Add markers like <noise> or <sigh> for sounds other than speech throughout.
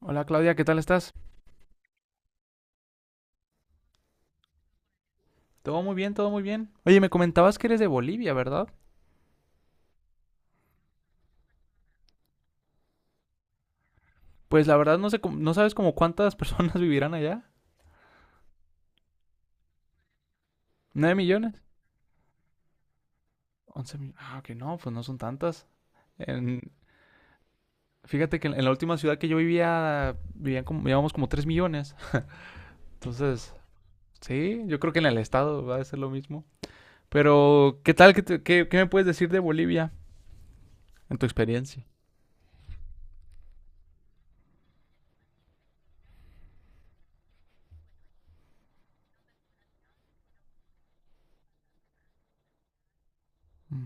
Hola Claudia, ¿qué tal estás? Todo muy bien, todo muy bien. Oye, me comentabas que eres de Bolivia, ¿verdad? Pues la verdad no sé, no sabes como cuántas personas <laughs> vivirán allá. ¿9 millones? 11 millones. Ah, que no, pues no son tantas. En- Fíjate que en la última ciudad que yo vivía, vivíamos como 3 millones. <laughs> Entonces, sí, yo creo que en el estado va a ser lo mismo. Pero, ¿qué tal? ¿Qué me puedes decir de Bolivia en tu experiencia? Mm.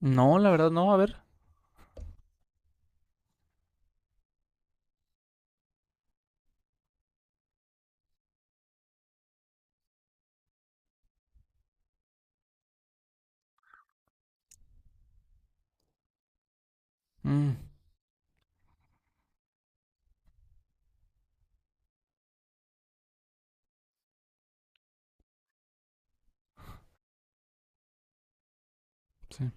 No, la verdad no, a ver. Mm, sí.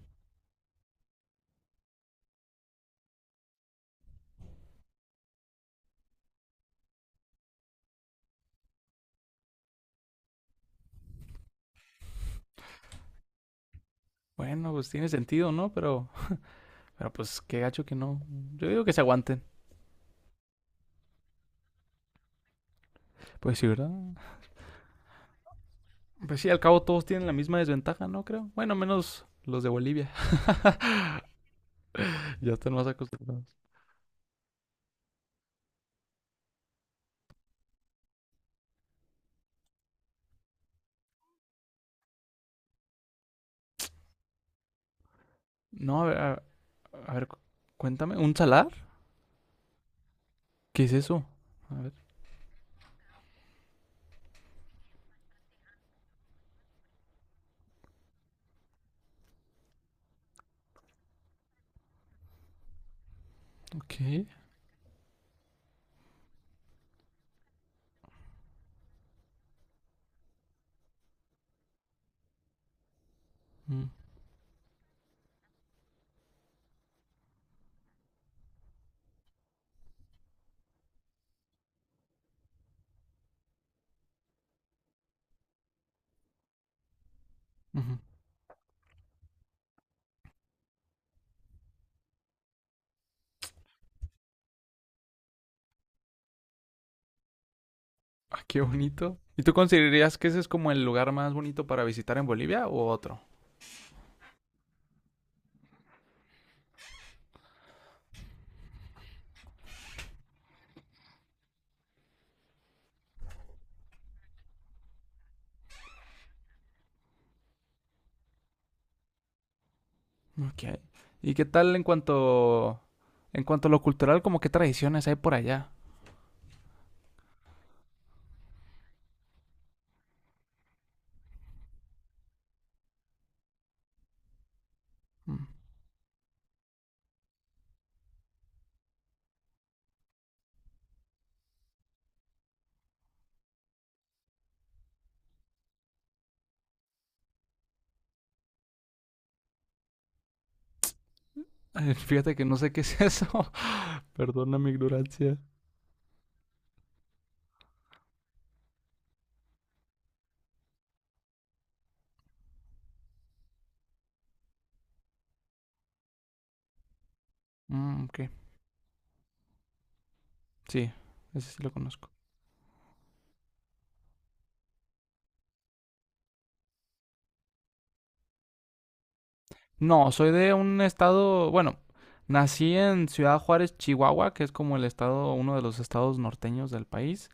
Bueno, pues tiene sentido, ¿no? Pero... pero pues qué gacho que no. Yo digo que se aguanten. Pues sí, ¿verdad? Pues sí, al cabo todos tienen la misma desventaja, ¿no? Creo. Bueno, menos los de Bolivia. <laughs> Ya están más acostumbrados. No, a ver, cuéntame. ¿Un salar? ¿Qué es eso? A ver, ok. Mm, ujú. Ah, qué bonito. ¿Y tú considerarías que ese es como el lugar más bonito para visitar en Bolivia o otro? Ok. ¿Y qué tal en cuanto a lo cultural, como qué tradiciones hay por allá? Mm. <laughs> Fíjate que no sé qué es eso. <laughs> Perdona mi ignorancia. Mm, ok. Sí, ese sí lo conozco. No, soy de un estado, bueno, nací en Ciudad Juárez, Chihuahua, que es como el estado, uno de los estados norteños del país,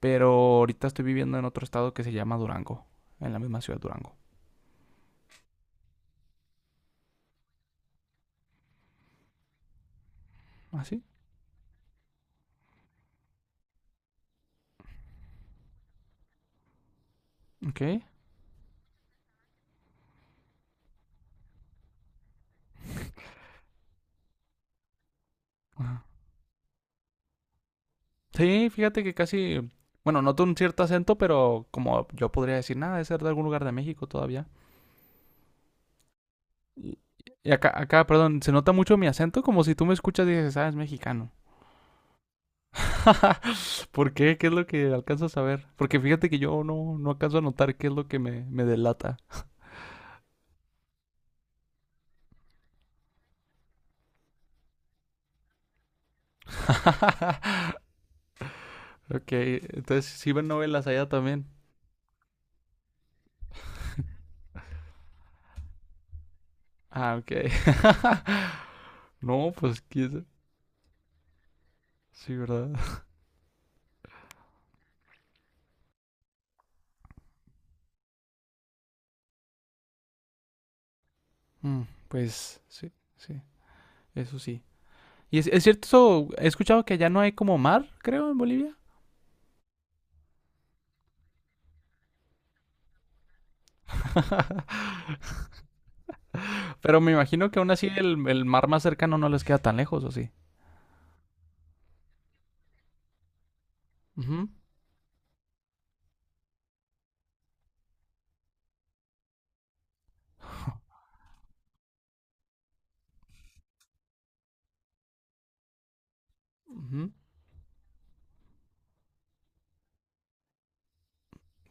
pero ahorita estoy viviendo en otro estado que se llama Durango, en la misma ciudad Durango. ¿Ah, sí? Ok. Ajá. Sí, fíjate que casi, bueno, noto un cierto acento, pero como yo podría decir, nada, de ser de algún lugar de México todavía. Y perdón, se nota mucho mi acento, como si tú me escuchas y dices, ah, es mexicano. <laughs> ¿Por qué? ¿Qué es lo que alcanzas a ver? Porque fíjate que yo no alcanzo a notar qué es lo que me delata. <laughs> Ok, entonces sí ven novelas allá también. Ah, ok. <laughs> No, pues sí, ¿verdad? Mm, pues sí, sí, eso sí. Y es cierto, eso, he escuchado que allá no hay como mar, creo, en Bolivia. <laughs> Pero me imagino que aún así el mar más cercano no les queda tan lejos, ¿o sí? Ujú, ujú.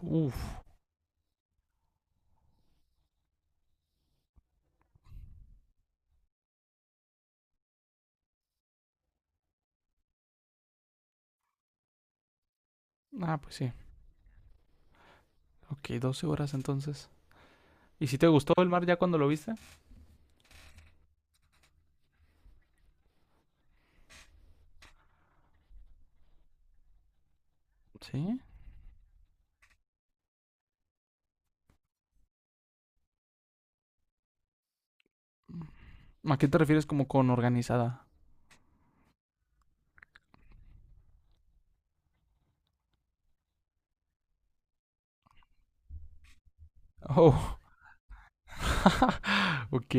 Uf. Ah, pues sí. Ok, 12 horas entonces. ¿Y si te gustó el mar ya cuando lo viste? Sí. ¿A qué te refieres como con organizada? <laughs> Oh, ok.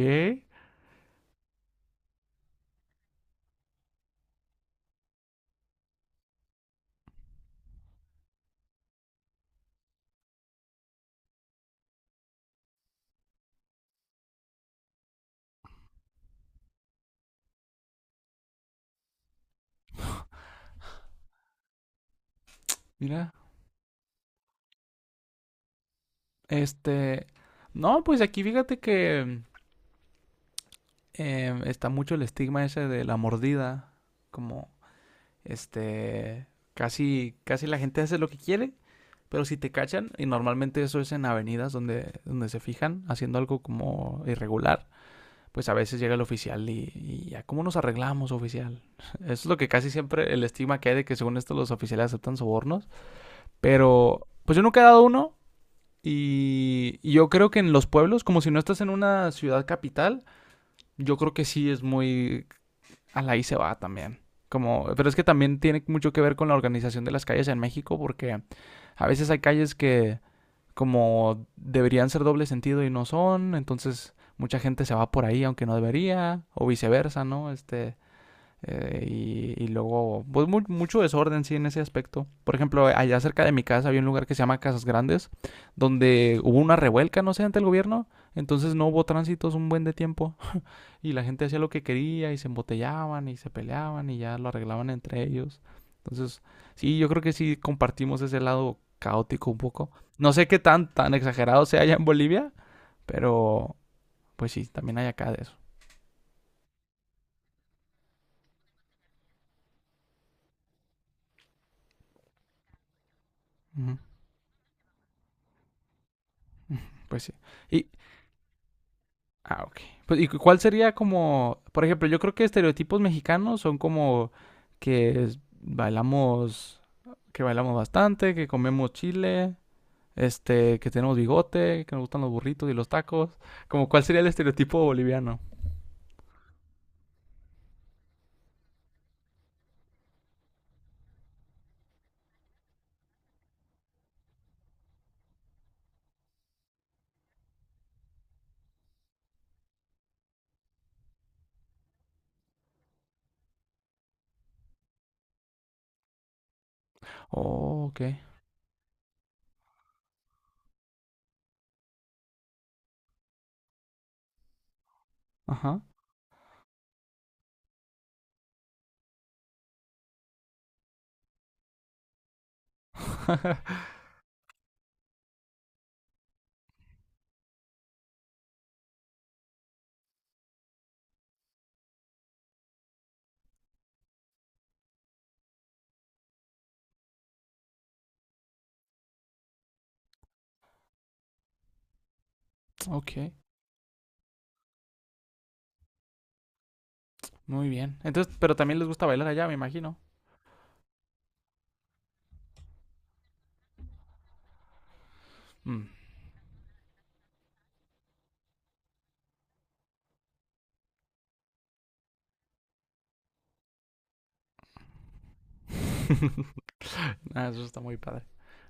Mira, este... No, pues aquí fíjate que está mucho el estigma ese de la mordida. Como, este... casi, casi la gente hace lo que quiere, pero si te cachan, y normalmente eso es en avenidas donde se fijan haciendo algo como irregular, pues a veces llega el oficial y ya, ¿cómo nos arreglamos, oficial? <laughs> Eso es lo que casi siempre el estigma que hay de que según esto los oficiales aceptan sobornos. Pero, pues yo nunca he dado uno. Y yo creo que en los pueblos, como si no estás en una ciudad capital, yo creo que sí es muy... A la ahí se va también. Como, pero es que también tiene mucho que ver con la organización de las calles en México, porque a veces hay calles que como deberían ser doble sentido y no son, entonces mucha gente se va por ahí aunque no debería, o viceversa, ¿no? Este, luego, pues mu mucho desorden, sí, en ese aspecto. Por ejemplo, allá cerca de mi casa había un lugar que se llama Casas Grandes, donde hubo una revuelca, no sé, ante el gobierno, entonces no hubo tránsitos un buen de tiempo. Y la gente hacía lo que quería y se embotellaban y se peleaban y ya lo arreglaban entre ellos. Entonces, sí, yo creo que sí compartimos ese lado caótico un poco. No sé qué tan, tan exagerado sea allá en Bolivia, pero pues sí, también hay acá de eso. Ujú, pues sí. Y, ah, ok. Pues, ¿cuál sería como, por ejemplo, yo creo que estereotipos mexicanos son como bailamos, que bailamos bastante, que comemos chile, este, que tenemos bigote, que nos gustan los burritos y los tacos. Como cuál sería el estereotipo boliviano. Oh, ok. Ajá. <laughs> ok. Muy bien. Entonces, pero también les gusta bailar allá, me imagino. Mm. <laughs> Ah, eso está muy padre.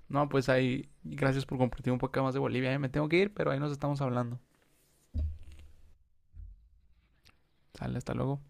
No, pues ahí, gracias por compartir un poco más de Bolivia, ¿eh? Me tengo que ir, pero ahí nos estamos hablando. Sale, hasta luego.